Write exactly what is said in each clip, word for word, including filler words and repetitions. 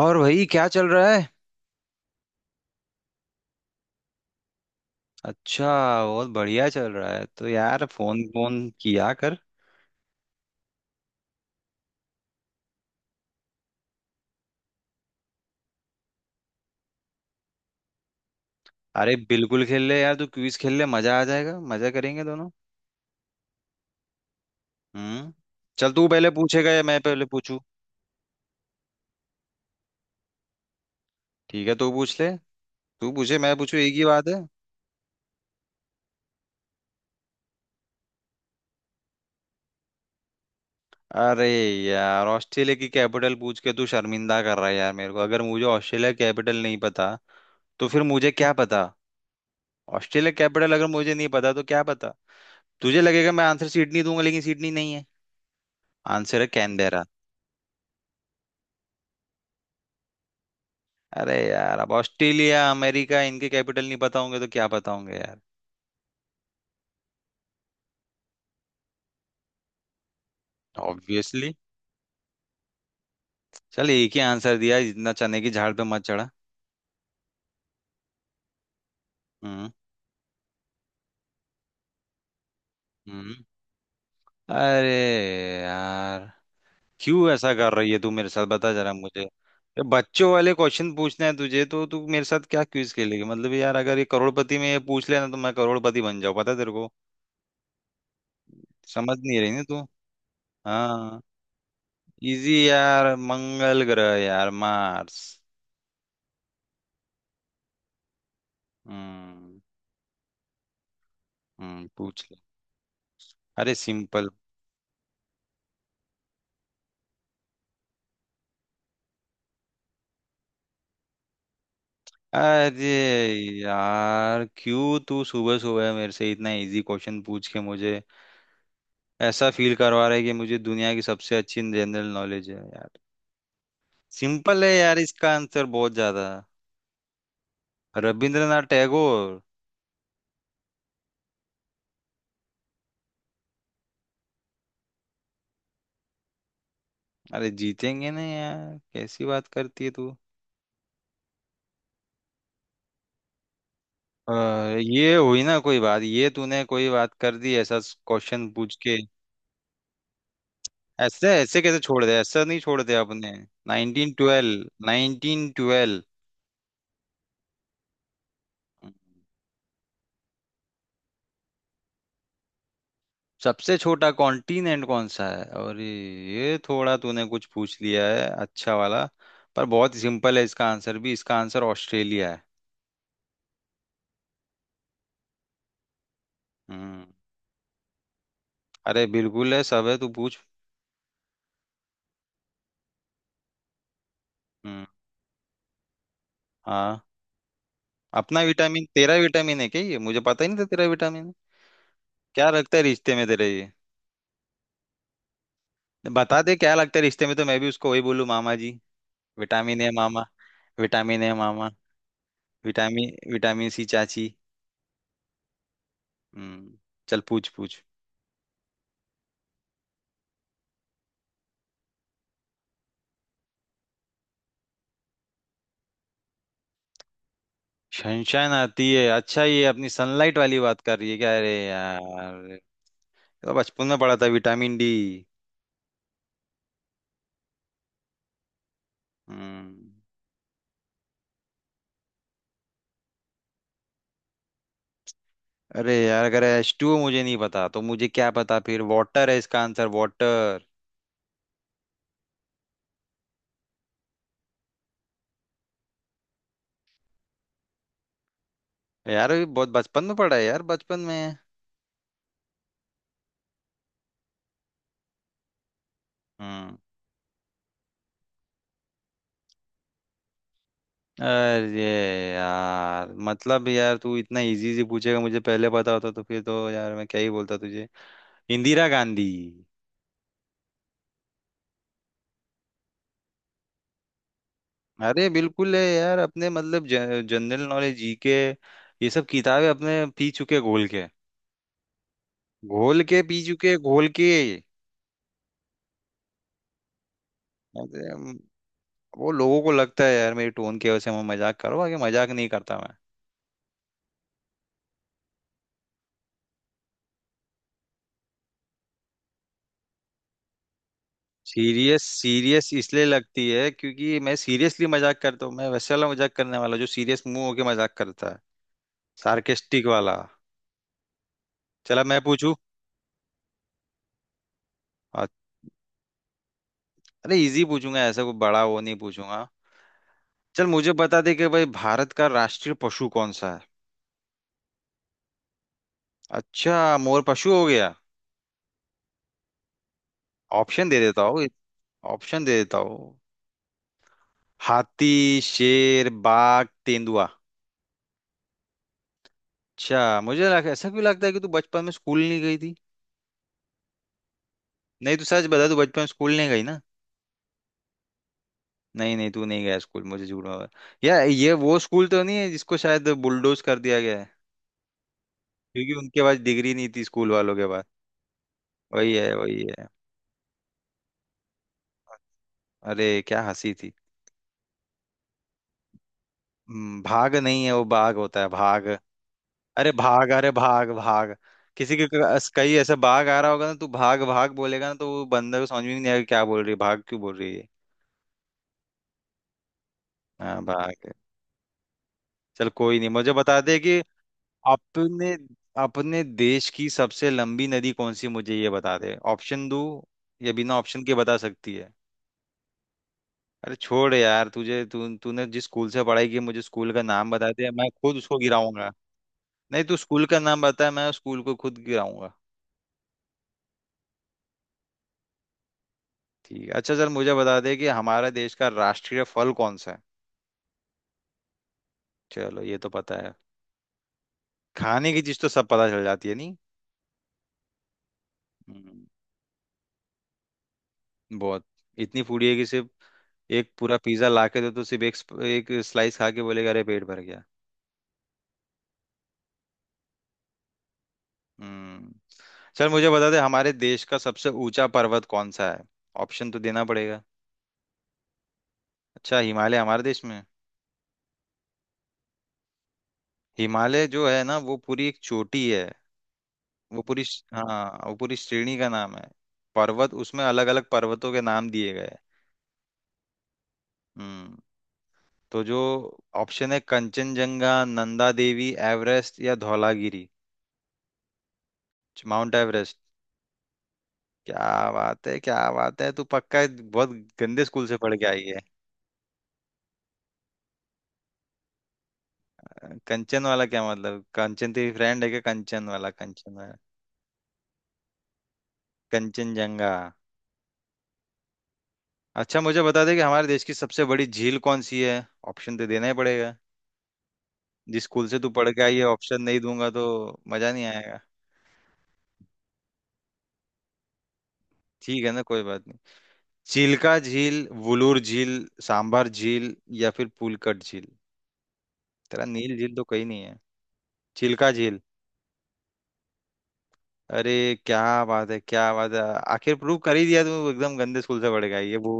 और भाई क्या चल रहा है। अच्छा, बहुत बढ़िया चल रहा है। तो यार फोन फोन किया कर। अरे बिल्कुल खेल ले यार, तू क्विज खेल ले, मजा आ जाएगा, मजा करेंगे दोनों। हम्म। चल, तू पहले पूछेगा या मैं पहले पूछूं? ठीक है, तू पूछ ले। तू पूछे मैं पूछूं एक ही बात है। अरे यार, ऑस्ट्रेलिया की कैपिटल पूछ के तू शर्मिंदा कर रहा है यार मेरे को। अगर मुझे ऑस्ट्रेलिया कैपिटल नहीं पता, तो फिर मुझे क्या पता? ऑस्ट्रेलिया कैपिटल अगर मुझे नहीं पता तो क्या पता? तुझे लगेगा मैं आंसर सीट नहीं दूंगा, लेकिन सीट नहीं, नहीं है। आंसर है कैनबेरा। अरे यार, अब ऑस्ट्रेलिया अमेरिका इनके कैपिटल नहीं पता होंगे तो क्या पता होंगे यार। ऑब्वियसली। चल, एक ही आंसर दिया इतना चने की झाड़ पे मत चढ़ा। हम्म। हम्म। अरे यार, क्यों ऐसा कर रही है तू मेरे साथ? बता जरा मुझे। ये बच्चों वाले क्वेश्चन पूछना है तुझे तो तू मेरे साथ क्या क्विज खेलेगी? मतलब यार, अगर ये करोड़पति में ये पूछ लेना तो मैं करोड़पति बन जाऊं, पता है तेरे को। समझ नहीं रही ना तू। हाँ। इजी यार, मंगल ग्रह यार, मार्स। हम्म। हम्म, पूछ। अरे सिंपल। अरे यार, क्यों तू सुबह सुबह मेरे से इतना इजी क्वेश्चन पूछ के मुझे ऐसा फील करवा रहा है कि मुझे दुनिया की सबसे अच्छी जनरल नॉलेज है यार। सिंपल है यार, इसका आंसर बहुत ज्यादा। रविंद्रनाथ टैगोर। अरे जीतेंगे ना यार, कैसी बात करती है तू। अ, ये हुई ना कोई बात, ये तूने कोई बात कर दी ऐसा क्वेश्चन पूछ के। ऐसे ऐसे कैसे छोड़ दे, ऐसा नहीं छोड़ते अपने। Nineteen twelve nineteen twelve. सबसे छोटा कॉन्टिनेंट कौन सा है, और ये थोड़ा तूने कुछ पूछ लिया है अच्छा वाला। पर बहुत सिंपल है इसका आंसर भी, इसका आंसर ऑस्ट्रेलिया है। हम्म। अरे बिल्कुल है, सब है, तू पूछ। हम्म। हाँ। अपना विटामिन? तेरा विटामिन है क्या? ये मुझे पता ही नहीं था तेरा विटामिन है। क्या लगता है रिश्ते में तेरे ये? बता दे क्या लगता है रिश्ते में, तो मैं भी उसको वही बोलूँ। मामा जी, विटामिन है मामा, विटामिन है मामा, विटामिन, विटामिन सी चाची। हम्म। चल पूछ पूछ। सनशाइन आती है? अच्छा, ये अपनी सनलाइट वाली बात कर रही है क्या? अरे यार, तो बचपन में पढ़ा था, विटामिन डी। हम्म। अरे यार, अगर एच टू मुझे नहीं पता तो मुझे क्या पता फिर। वाटर है इसका आंसर, वाटर। यार, अभी बहुत बचपन में पढ़ा है यार, बचपन में। हम्म। अरे यार, मतलब यार, तू इतना इजी से पूछेगा, मुझे पहले पता होता तो फिर तो यार मैं क्या ही बोलता तुझे। इंदिरा गांधी। अरे बिल्कुल है यार अपने, मतलब जनरल नॉलेज, जी के, ये सब किताबें अपने पी चुके घोल के। घोल के पी चुके घोल के। अरे, हम- वो लोगों को लगता है यार मेरी टोन की वजह से मैं मजाक करो, बाकी मजाक नहीं करता मैं। सीरियस सीरियस इसलिए लगती है क्योंकि मैं सीरियसली मजाक करता हूँ। मैं वैसे वाला मजाक करने वाला जो सीरियस मुंह होके मजाक करता है, सार्केस्टिक वाला। चला मैं पूछूं। अ- अरे इजी पूछूंगा, ऐसा कोई बड़ा वो नहीं पूछूंगा। चल मुझे बता दे कि भाई, भारत का राष्ट्रीय पशु कौन सा है? अच्छा, मोर पशु हो गया। ऑप्शन दे देता हूँ। ऑप्शन दे देता हूँ। हाथी, शेर, बाघ, तेंदुआ। अच्छा मुझे लग, ऐसा क्यों लगता है कि तू बचपन में स्कूल नहीं गई थी? नहीं तू सच बता, तू बचपन में स्कूल नहीं गई ना? नहीं नहीं, तू नहीं गया स्कूल, मुझे झूठ मत बता। यार ये वो स्कूल तो नहीं है जिसको शायद बुलडोज कर दिया गया है क्योंकि उनके पास डिग्री नहीं थी, स्कूल वालों के पास? वही है वही है। अरे क्या हंसी थी। हम्म, भाग नहीं है वो, बाघ होता है, भाग। अरे भाग, अरे भाग भाग। किसी के कहीं ऐसे बाघ आ रहा होगा ना, तू भाग भाग बोलेगा ना, तो वो बंदर को समझ में नहीं आएगा क्या बोल रही है, भाग क्यों बोल रही है। हाँ भाग। चल कोई नहीं, मुझे बता दे कि अपने, अपने देश की सबसे लंबी नदी कौन सी? मुझे ये बता दे, ऑप्शन दू या बिना ऑप्शन के बता सकती है? अरे छोड़ यार, तुझे, तू तूने जिस स्कूल से पढ़ाई की मुझे स्कूल का नाम बता दे, मैं खुद उसको गिराऊंगा। नहीं तू स्कूल का नाम बता, मैं उस स्कूल को खुद गिराऊंगा। ठीक है। अच्छा चल, मुझे बता दे कि हमारे देश का राष्ट्रीय फल कौन सा है? चलो ये तो पता है। खाने की चीज तो सब पता चल जाती है, नहीं? हम्म। बहुत। इतनी फूडी है कि सिर्फ एक पूरा पिज्जा ला के दो तो सिर्फ एक स्प- एक स्लाइस खा के बोलेगा अरे पेट भर गया। हम्म। चल मुझे बता दे, हमारे देश का सबसे ऊंचा पर्वत कौन सा है? ऑप्शन तो देना पड़ेगा। अच्छा, हिमालय हमारे देश में, हिमालय जो है ना वो पूरी एक चोटी है। वो पूरी श- हाँ, वो पूरी श्रेणी का नाम है। पर्वत उसमें अलग अलग पर्वतों के नाम दिए गए हैं। हम्म। तो जो ऑप्शन है, कंचनजंगा, नंदा देवी, एवरेस्ट या धौलागिरी। च- माउंट एवरेस्ट। क्या बात है, क्या बात है, तू पक्का बहुत गंदे स्कूल से पढ़ के आई है। अ, कंचन वाला क्या मतलब, कंचन तेरी फ्रेंड है क्या? कंचन वाला, कंचन वाला। कंचनजंगा। अच्छा मुझे बता दे कि हमारे देश की सबसे बड़ी झील कौन सी है? ऑप्शन तो देना ही पड़ेगा। जिस स्कूल से तू पढ़ के आई है, ऑप्शन नहीं दूंगा तो मजा नहीं आएगा। ठीक है ना, कोई बात नहीं। चिल्का झील, वुलूर झील, सांभर झील, या फिर पुलकट झील। तेरा नील झील तो कहीं नहीं है। चिल्का झील। अरे क्या बात है, क्या बात है। आखिर प्रूव कर ही दिया तू एकदम गंदे स्कूल से पड़ेगा ये वो।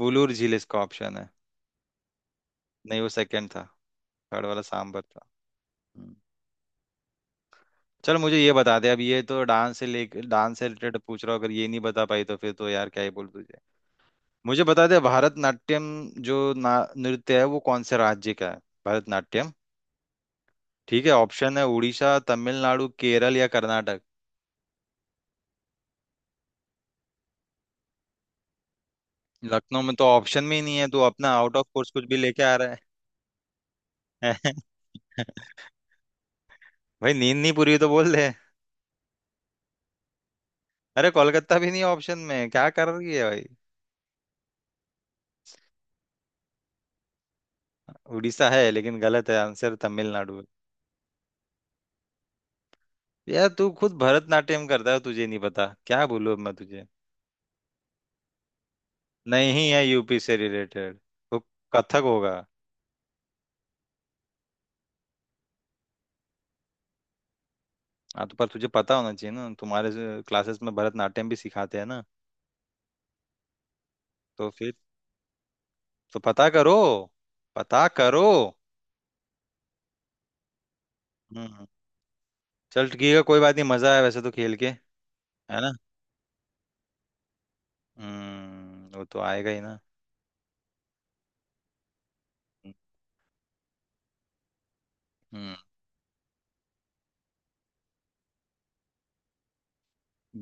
वुलूर झील इसका ऑप्शन है। नहीं, वो सेकंड था, थर्ड वाला सांभर था। हम्म। चल मुझे ये बता दे, अब ये तो डांस से ले, डांस से रिलेटेड पूछ रहा हूँ, अगर ये नहीं बता पाई तो फिर तो यार क्या ही बोल तुझे। मुझे बता दे भारतनाट्यम जो ना नृत्य है, वो कौन से राज्य का है? भारतनाट्यम। ठीक है, ऑप्शन है उड़ीसा, तमिलनाडु, केरल या कर्नाटक। लखनऊ में तो ऑप्शन में ही नहीं है, तू अपना आउट ऑफ कोर्स कुछ भी लेके आ रहा है। भाई, नींद नहीं पूरी हुई तो बोल दे। अरे कोलकाता भी नहीं ऑप्शन में, क्या कर रही है भाई। उड़ीसा है लेकिन गलत है, आंसर तमिलनाडु है। यार तू खुद भरतनाट्यम करता है, तुझे नहीं पता, क्या बोलूं अब मैं तुझे। नहीं है यूपी से रिलेटेड, तो कथक होगा। हाँ तो पर तुझे पता होना चाहिए ना, तुम्हारे क्लासेस में भरतनाट्यम भी सिखाते हैं ना। तो फिर तो पता करो, पता करो। हम्म। चल ठीक है, कोई बात नहीं, मजा आया वैसे तो खेल के। है ना? हम्म, वो तो आएगा ही ना। हम्म,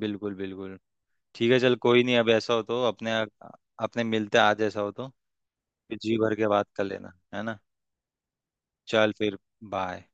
बिल्कुल बिल्कुल। ठीक है चल, कोई नहीं, अब ऐसा हो तो अपने, अपने मिलते हैं आज ऐसा हो तो फिर जी भर के बात कर लेना, है ना? चल फिर, बाय।